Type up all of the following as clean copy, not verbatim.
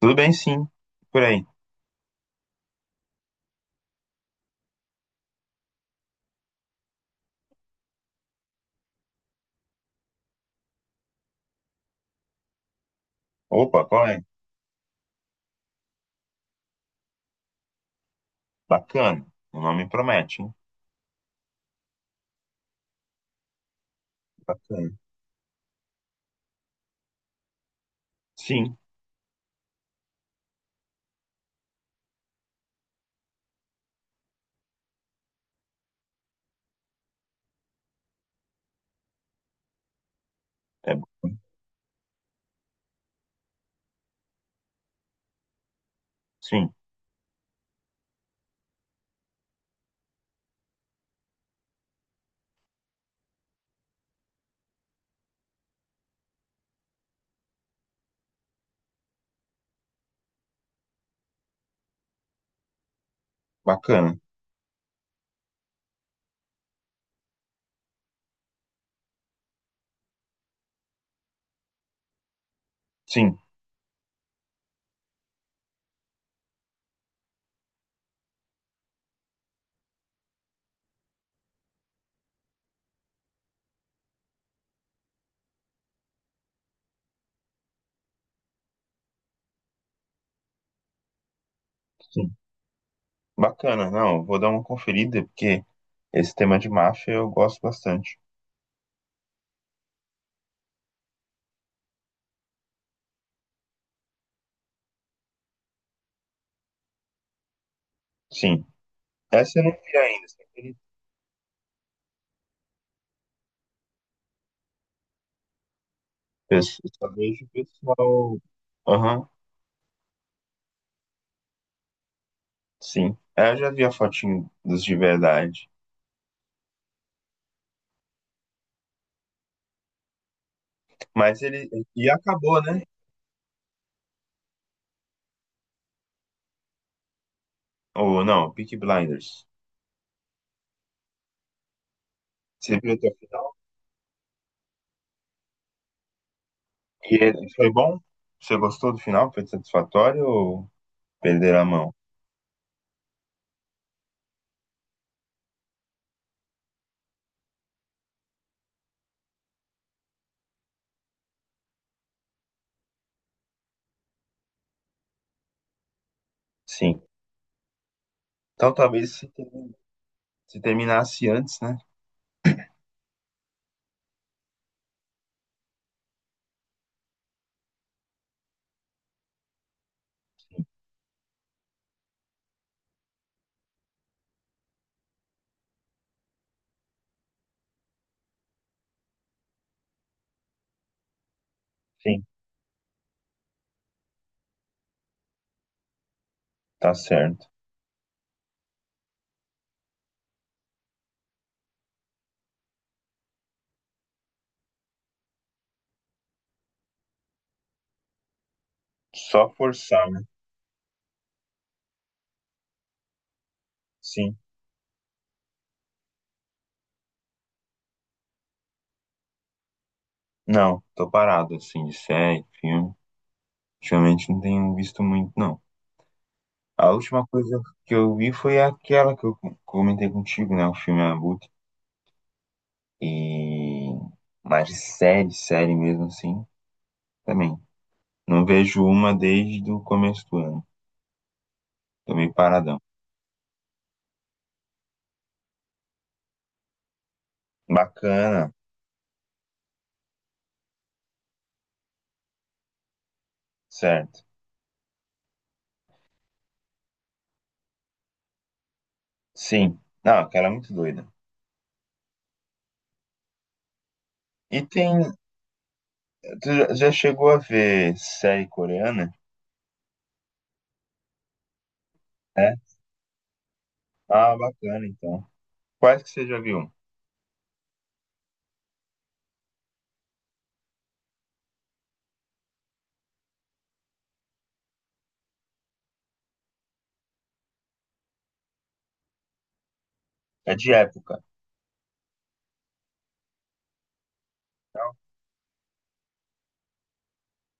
Tudo bem, sim. Por aí. Opa, qual é? Bacana. O nome promete, hein? Bacana. Sim, é bacana. Sim, bacana. Sim, sim. Bacana. Não, vou dar uma conferida, porque esse tema de máfia eu gosto bastante. Sim. Essa eu não vi ainda, você acredita? Eu só vejo o pessoal. Aham, sim. É, eu já vi a fotinho dos de verdade. Mas ele. E acabou, né? Ou não, Peaky Blinders. Você viu até o final? E ele- foi bom? Você gostou do final? Foi satisfatório ou perder a mão? Sim. Então talvez se, se terminasse antes, né? Sim, tá certo. Só forçar, né? Sim. Não, tô parado assim de série, filme. Ultimamente não tenho visto muito, não. A última coisa que eu vi foi aquela que eu comentei contigo, né? O filme Abutre. E mas de série, série mesmo assim, também. Não vejo uma desde o começo do ano. Tô meio paradão. Bacana, certo. Sim. Não, cara, é muito doida. E tem. Tu já chegou a ver série coreana? É? Ah, bacana, então. Quais que você já viu? É de época. Não?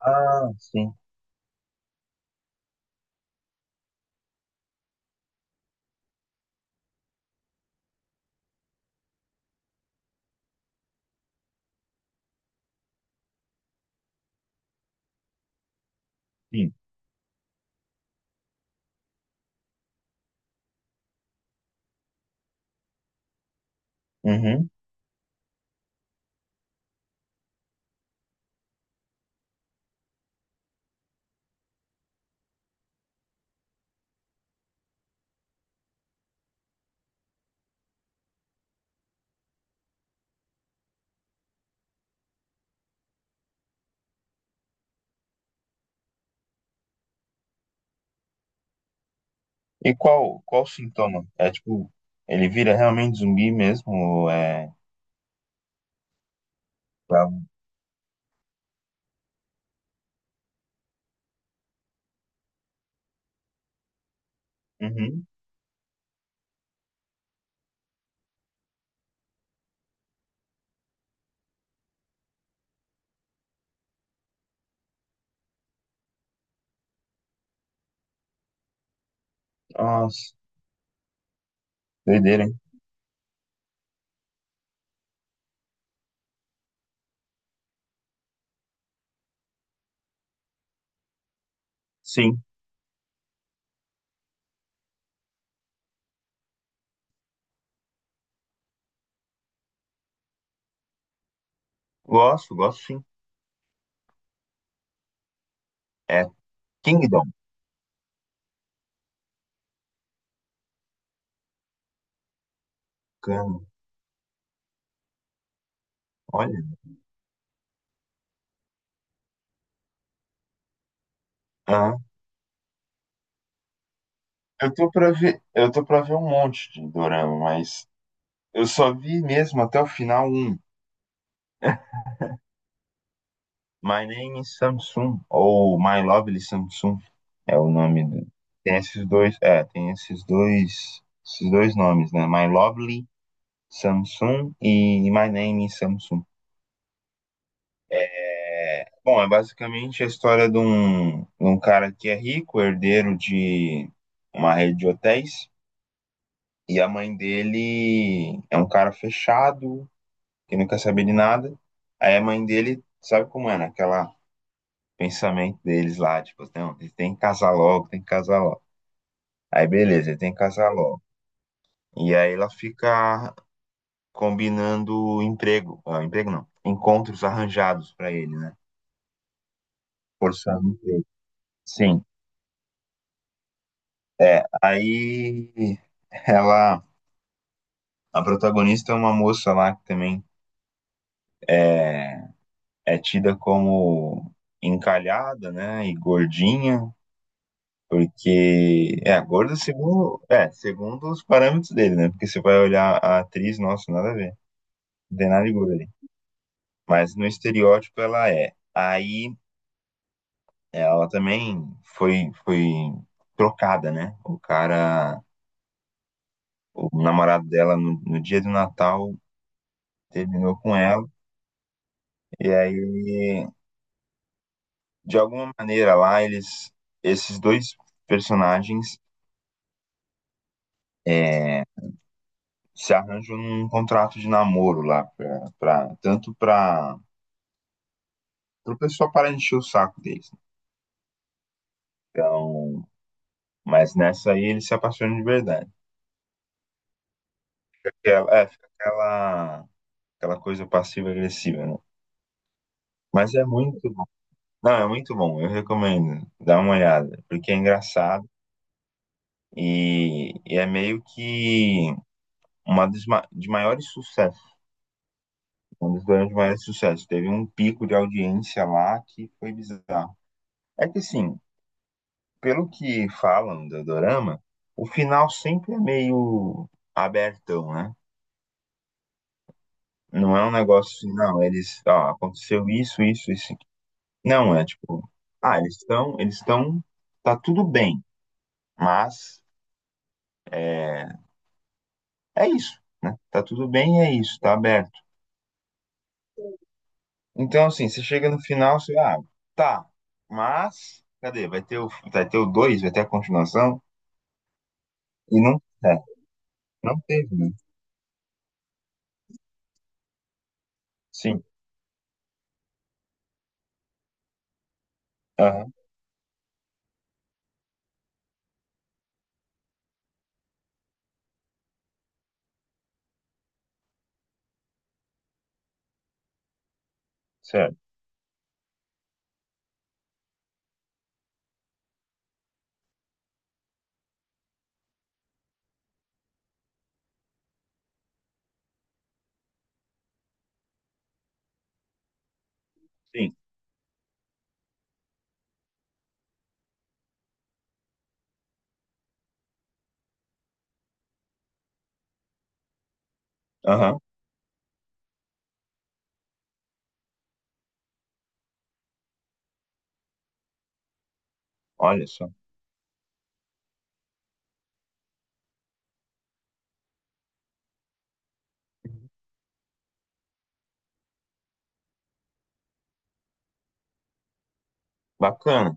Ah, sim, sim. Uhum. E qual, qual o sintoma? É tipo, ele vira realmente zumbi mesmo? Ou é bravo? Uhum. Nossa, doideira, hein? Sim. Gosto, gosto sim. É Kingdom. Bacana. Olha. Ah, eu tô pra ver, eu tô pra ver um monte de dorama, mas. Eu só vi mesmo até o final um. My Name is Samsung, ou My Lovely Samsung, é o nome do... Tem esses dois, é, tem esses dois nomes, né? My Lovely Samsung e My Name is Samsung. É, bom, é basicamente a história de um cara que é rico, herdeiro de uma rede de hotéis, e a mãe dele é um cara fechado, que não quer saber de nada. Aí a mãe dele, sabe como é, né? Aquela pensamento deles lá, tipo, não, ele tem que casar logo, tem que casar logo. Aí beleza, ele tem que casar logo. E aí ela fica combinando emprego, ah, emprego não, encontros arranjados pra ele, né? Forçando emprego. Sim. É, aí ela, a protagonista é uma moça lá que também é, é tida como encalhada, né, e gordinha, porque é gorda segundo, é, segundo os parâmetros dele, né? Porque você vai olhar a atriz, nossa, nada a ver. Não tem nada de gorda ali. Mas no estereótipo ela é. Aí ela também foi trocada, né? O cara, o namorado dela no, no dia do Natal terminou com ela e aí de alguma maneira lá eles, esses dois personagens, é, se arranjam num contrato de namoro lá pra, pra, tanto para pro pessoal parar de encher o saco deles. Então, mas nessa aí ele se apaixona de verdade. Porque ela- é, fica aquela, aquela coisa passiva-agressiva, né? Mas é muito bom. Não, é muito bom, eu recomendo. Dá uma olhada, porque é engraçado e é meio que uma dos de maiores sucessos, um dos grandes maiores sucessos. Teve um pico de audiência lá que foi bizarro. É que assim, pelo que falam do Dorama, o final sempre é meio abertão, né? Não é um negócio assim, não, eles, ó, aconteceu isso, isso, isso aqui. Não, é tipo, ah, eles estão, tá tudo bem, mas é, é isso, né? Tá tudo bem, é isso, tá aberto. Então, assim, você chega no final, você, ah, tá, mas, cadê? Vai ter o dois, vai ter a continuação, e não, é, não teve, né? Sim, aham, certo, sim, aham, olha só. Bacana,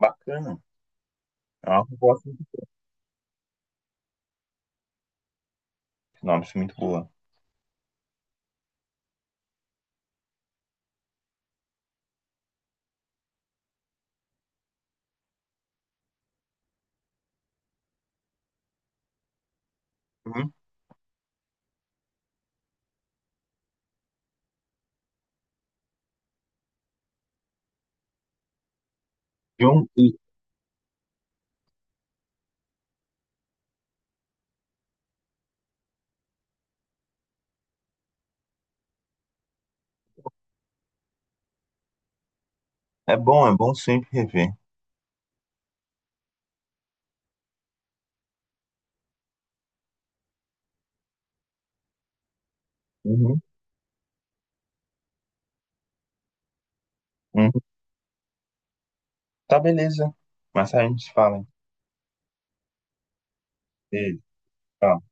bacana. É uma proposta, nossa, muito boa. Uhum. E um- é bom sempre rever. Uhum, uhum. Tá, beleza. Mas a gente fala, hein? Beijo, tchau.